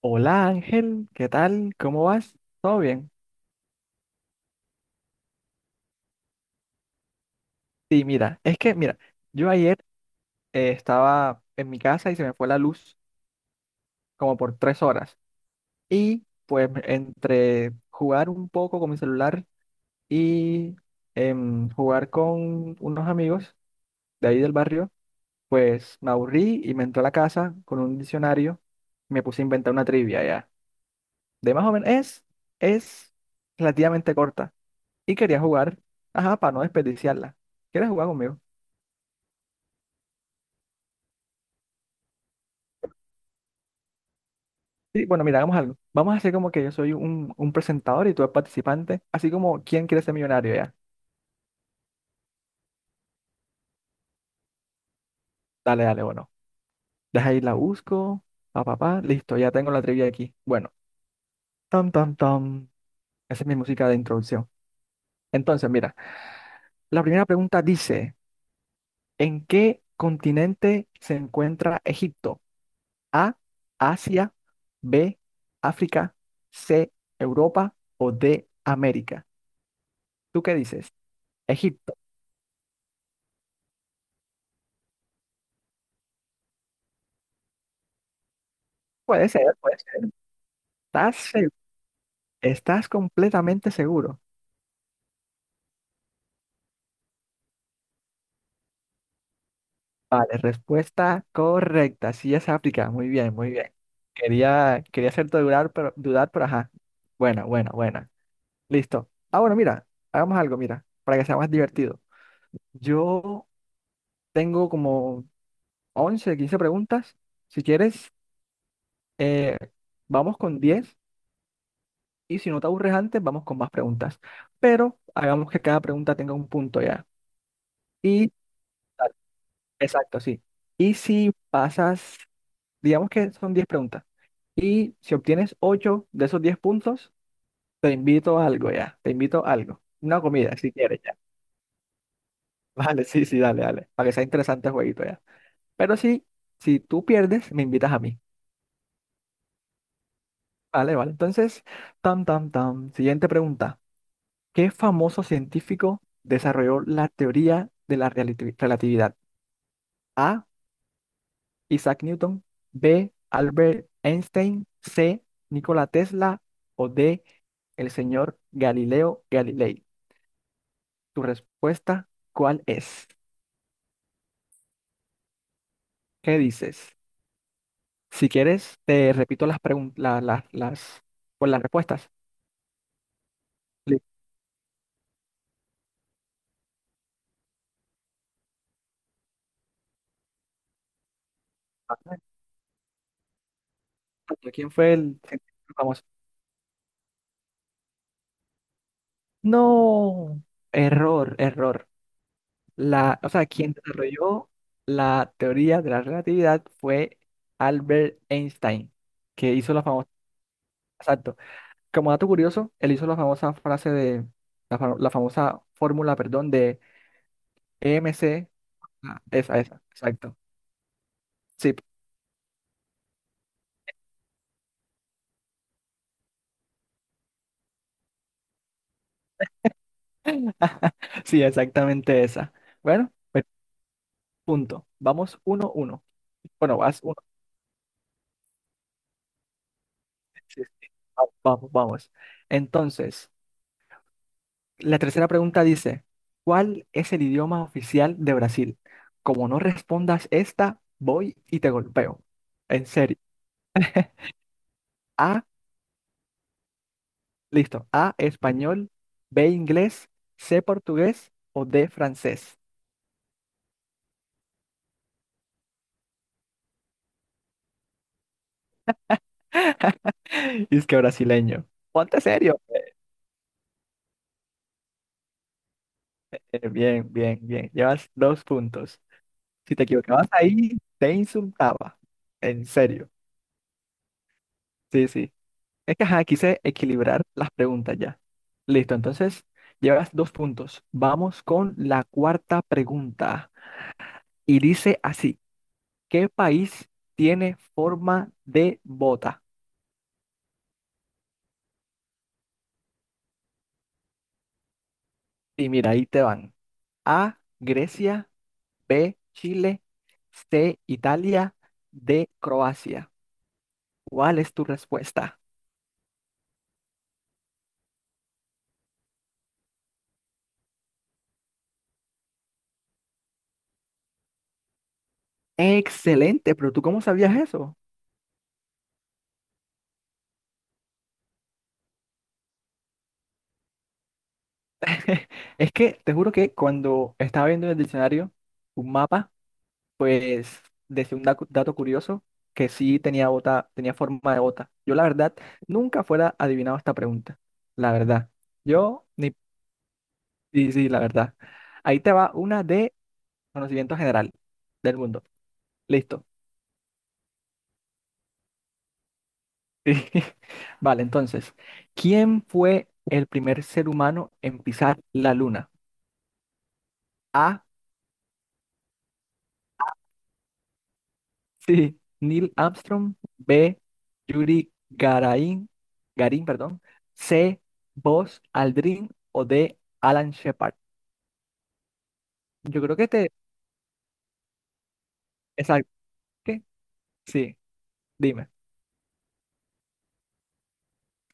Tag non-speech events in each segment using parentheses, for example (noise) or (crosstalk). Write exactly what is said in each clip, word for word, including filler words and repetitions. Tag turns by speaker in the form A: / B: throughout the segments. A: Hola Ángel, ¿qué tal? ¿Cómo vas? ¿Todo bien? Sí, mira, es que, mira, yo ayer eh, estaba en mi casa y se me fue la luz como por tres horas. Y pues entre jugar un poco con mi celular y em, jugar con unos amigos de ahí del barrio, pues me aburrí y me entré a la casa con un diccionario y me puse a inventar una trivia ya. De más o menos, es, es relativamente corta y quería jugar, ajá, para no desperdiciarla. ¿Quieres jugar conmigo? Sí, bueno, mira, hagamos algo. Vamos a hacer como que yo soy un, un presentador y tú eres participante, así como ¿Quién quiere ser millonario ya? Dale, dale, bueno. Deja ahí la busco, pa, pa, pa, listo, ya tengo la trivia aquí. Bueno, tam, tam, tam. Esa es mi música de introducción. Entonces, mira, la primera pregunta dice, ¿en qué continente se encuentra Egipto? A, Asia, B, África, C, Europa o D, América. ¿Tú qué dices? Egipto. Puede ser, puede ser. ¿Estás seguro? ¿Estás completamente seguro? Vale, respuesta correcta. Sí, es África. Muy bien, muy bien. Quería, quería hacerte dudar, pero, dudar, pero ajá. Buena, buena, buena. Listo. Ah, bueno, mira, hagamos algo, mira, para que sea más divertido. Yo tengo como once, quince preguntas. Si quieres, eh, vamos con diez. Y si no te aburres antes, vamos con más preguntas. Pero hagamos que cada pregunta tenga un punto ya. Y, exacto, sí. Y si pasas, digamos que son diez preguntas. Y si obtienes ocho de esos diez puntos, te invito a algo ya. Te invito a algo. Una comida, si quieres ya. (laughs) Vale, sí, sí, dale, dale. Para que sea interesante el jueguito ya. Pero sí, si tú pierdes, me invitas a mí. Vale, vale. Entonces, tam, tam, tam. Siguiente pregunta. ¿Qué famoso científico desarrolló la teoría de la relati- relatividad? A. Isaac Newton, B. Albert Einstein, C. Nikola Tesla o D. El señor Galileo Galilei. Tu respuesta, ¿cuál es? ¿Qué dices? Si quieres, te repito las preguntas, las, las, pues, las respuestas. Listo. ¿Quién fue el científico famoso? No, error, error. La, o sea, quien desarrolló la teoría de la relatividad fue Albert Einstein, que hizo la famosa. Exacto. Como dato curioso, él hizo la famosa frase de, la, fa- la famosa fórmula, perdón, de E M C, ah, esa, esa, exacto. Sí, (laughs) sí, exactamente esa. Bueno, pues punto. Vamos uno, uno. Bueno, vas uno. Sí, sí. Vamos, vamos, vamos. Entonces, la tercera pregunta dice, ¿cuál es el idioma oficial de Brasil? Como no respondas esta, voy y te golpeo. En serio. (laughs) A, listo. A, español, B, inglés, C, portugués o D, francés. (laughs) Y es que brasileño. Ponte serio. Eh, Bien, bien, bien. Llevas dos puntos. Si te equivocabas ahí, te insultaba. En serio. Sí, sí. Es que ajá, quise equilibrar las preguntas ya. Listo, entonces llevas dos puntos. Vamos con la cuarta pregunta. Y dice así, ¿qué país tiene forma de bota? Y mira, ahí te van. A, Grecia. B, Chile, C, Italia, D, Croacia. ¿Cuál es tu respuesta? Excelente, pero ¿tú cómo sabías eso? (laughs) Es que te juro que cuando estaba viendo en el diccionario un mapa, pues decía un da- dato curioso que sí tenía bota, tenía forma de bota. Yo la verdad nunca fuera adivinado esta pregunta. La verdad. Yo ni sí, sí, la verdad. Ahí te va una de conocimiento general del mundo. Listo. Sí. (laughs) Vale, entonces, ¿quién fue el primer ser humano en pisar la luna? A. Sí, Neil Armstrong. B. Yuri Garaín, Garín, perdón. C. Buzz Aldrin o D. Alan Shepard. Yo creo que te... Exacto. ¿Qué? Sí, dime.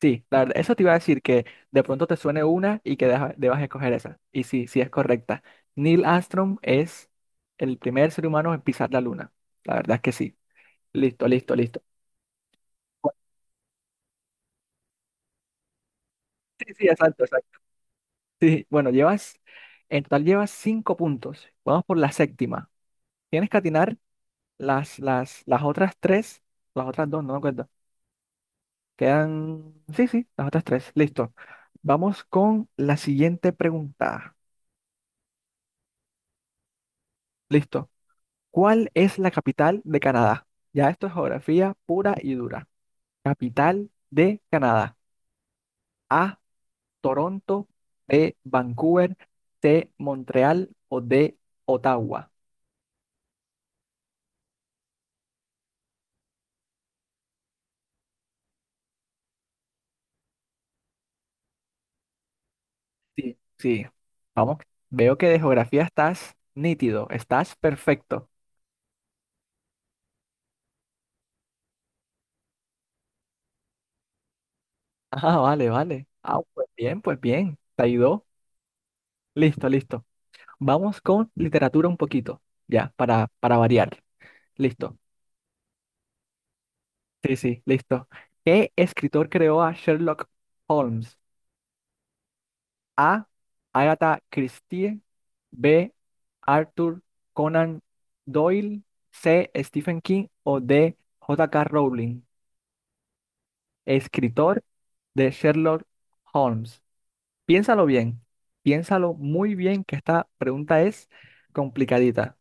A: Sí, la verdad, eso te iba a decir que de pronto te suene una y que deja- debas escoger esa. Y sí, sí es correcta. Neil Armstrong es el primer ser humano en pisar la luna. La verdad es que sí. Listo, listo, listo. Sí, sí, exacto, exacto. Sí, sí. Bueno, llevas, en total llevas cinco puntos. Vamos por la séptima. Tienes que atinar las, las, las otras tres, las otras dos, no me acuerdo. Quedan, sí, sí, las otras tres. Listo. Vamos con la siguiente pregunta. Listo. ¿Cuál es la capital de Canadá? Ya esto es geografía pura y dura. Capital de Canadá. A, Toronto, B, Vancouver, C, Montreal o D, Ottawa. Sí, sí. Vamos, veo que de geografía estás nítido, estás perfecto. (laughs) Ah, vale, vale. Ah, pues bien, pues bien. Te ayudó. Listo, listo. Vamos con literatura un poquito, ya, para, para variar. Listo. Sí, sí, listo. ¿Qué escritor creó a Sherlock Holmes? A. Agatha Christie. B. Arthur Conan Doyle. C. Stephen King o D. J K Rowling. Escritor de Sherlock Holmes. Piénsalo bien, piénsalo muy bien, que esta pregunta es complicadita.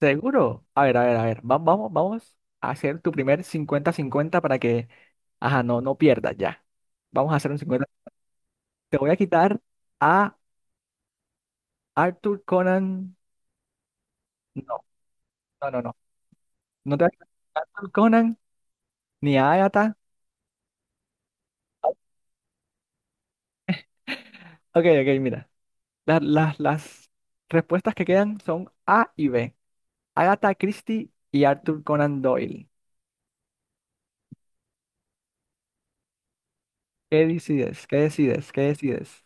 A: ¿Seguro? A ver, a ver, a ver, va- vamos, vamos a hacer tu primer cincuenta-cincuenta para que, ajá, no, no pierdas ya. Vamos a hacer un cincuenta. Te voy a quitar a Arthur Conan. No, no, no, no. No te voy a quitar a Arthur Conan ni a Agatha. Ok, ok, mira. Las, las, las respuestas que quedan son A y B. Agatha Christie y Arthur Conan Doyle. ¿Qué decides? ¿Qué decides? ¿Qué decides?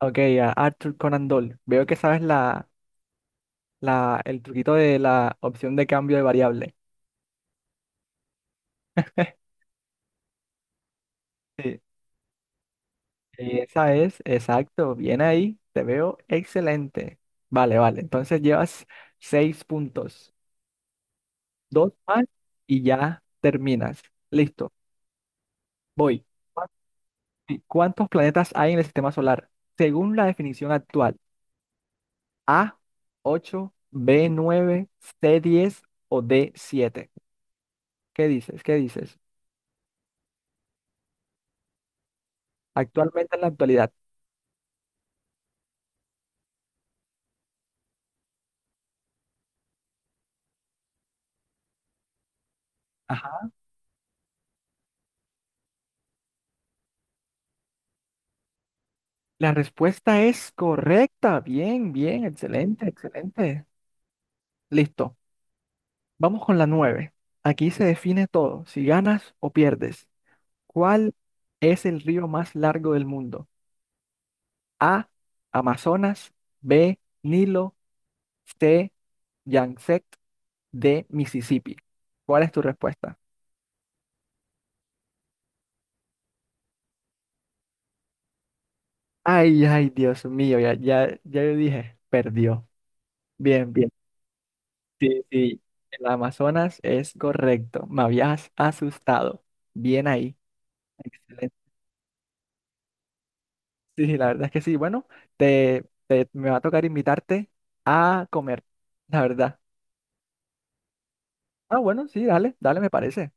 A: Ok, a Arthur Conan Doyle. Veo que sabes la, la, el truquito de la opción de cambio de variable. Sí. Y esa es, exacto, bien ahí, te veo excelente. Vale, vale, entonces llevas seis puntos, dos más y ya terminas. Listo, voy. ¿Cuán- sí, ¿cuántos planetas hay en el sistema solar? Según la definición actual. A, ocho, B, nueve, C, diez o D, siete. ¿Qué dices? ¿Qué dices? Actualmente en la actualidad. Ajá. La respuesta es correcta. Bien, bien, excelente, excelente. Listo. Vamos con la nueve. Aquí se define todo, si ganas o pierdes. ¿Cuál es el río más largo del mundo? A, Amazonas, B, Nilo, C, Yangtze, D, Mississippi. ¿Cuál es tu respuesta? Ay, ay, Dios mío, ya, ya, ya yo dije, perdió. Bien, bien. Sí, sí, el Amazonas es correcto. Me habías asustado. Bien ahí. Excelente. Sí, sí, la verdad es que sí. Bueno, te, te- me va a tocar invitarte a comer, la verdad. Ah, bueno, sí, dale, dale, me parece.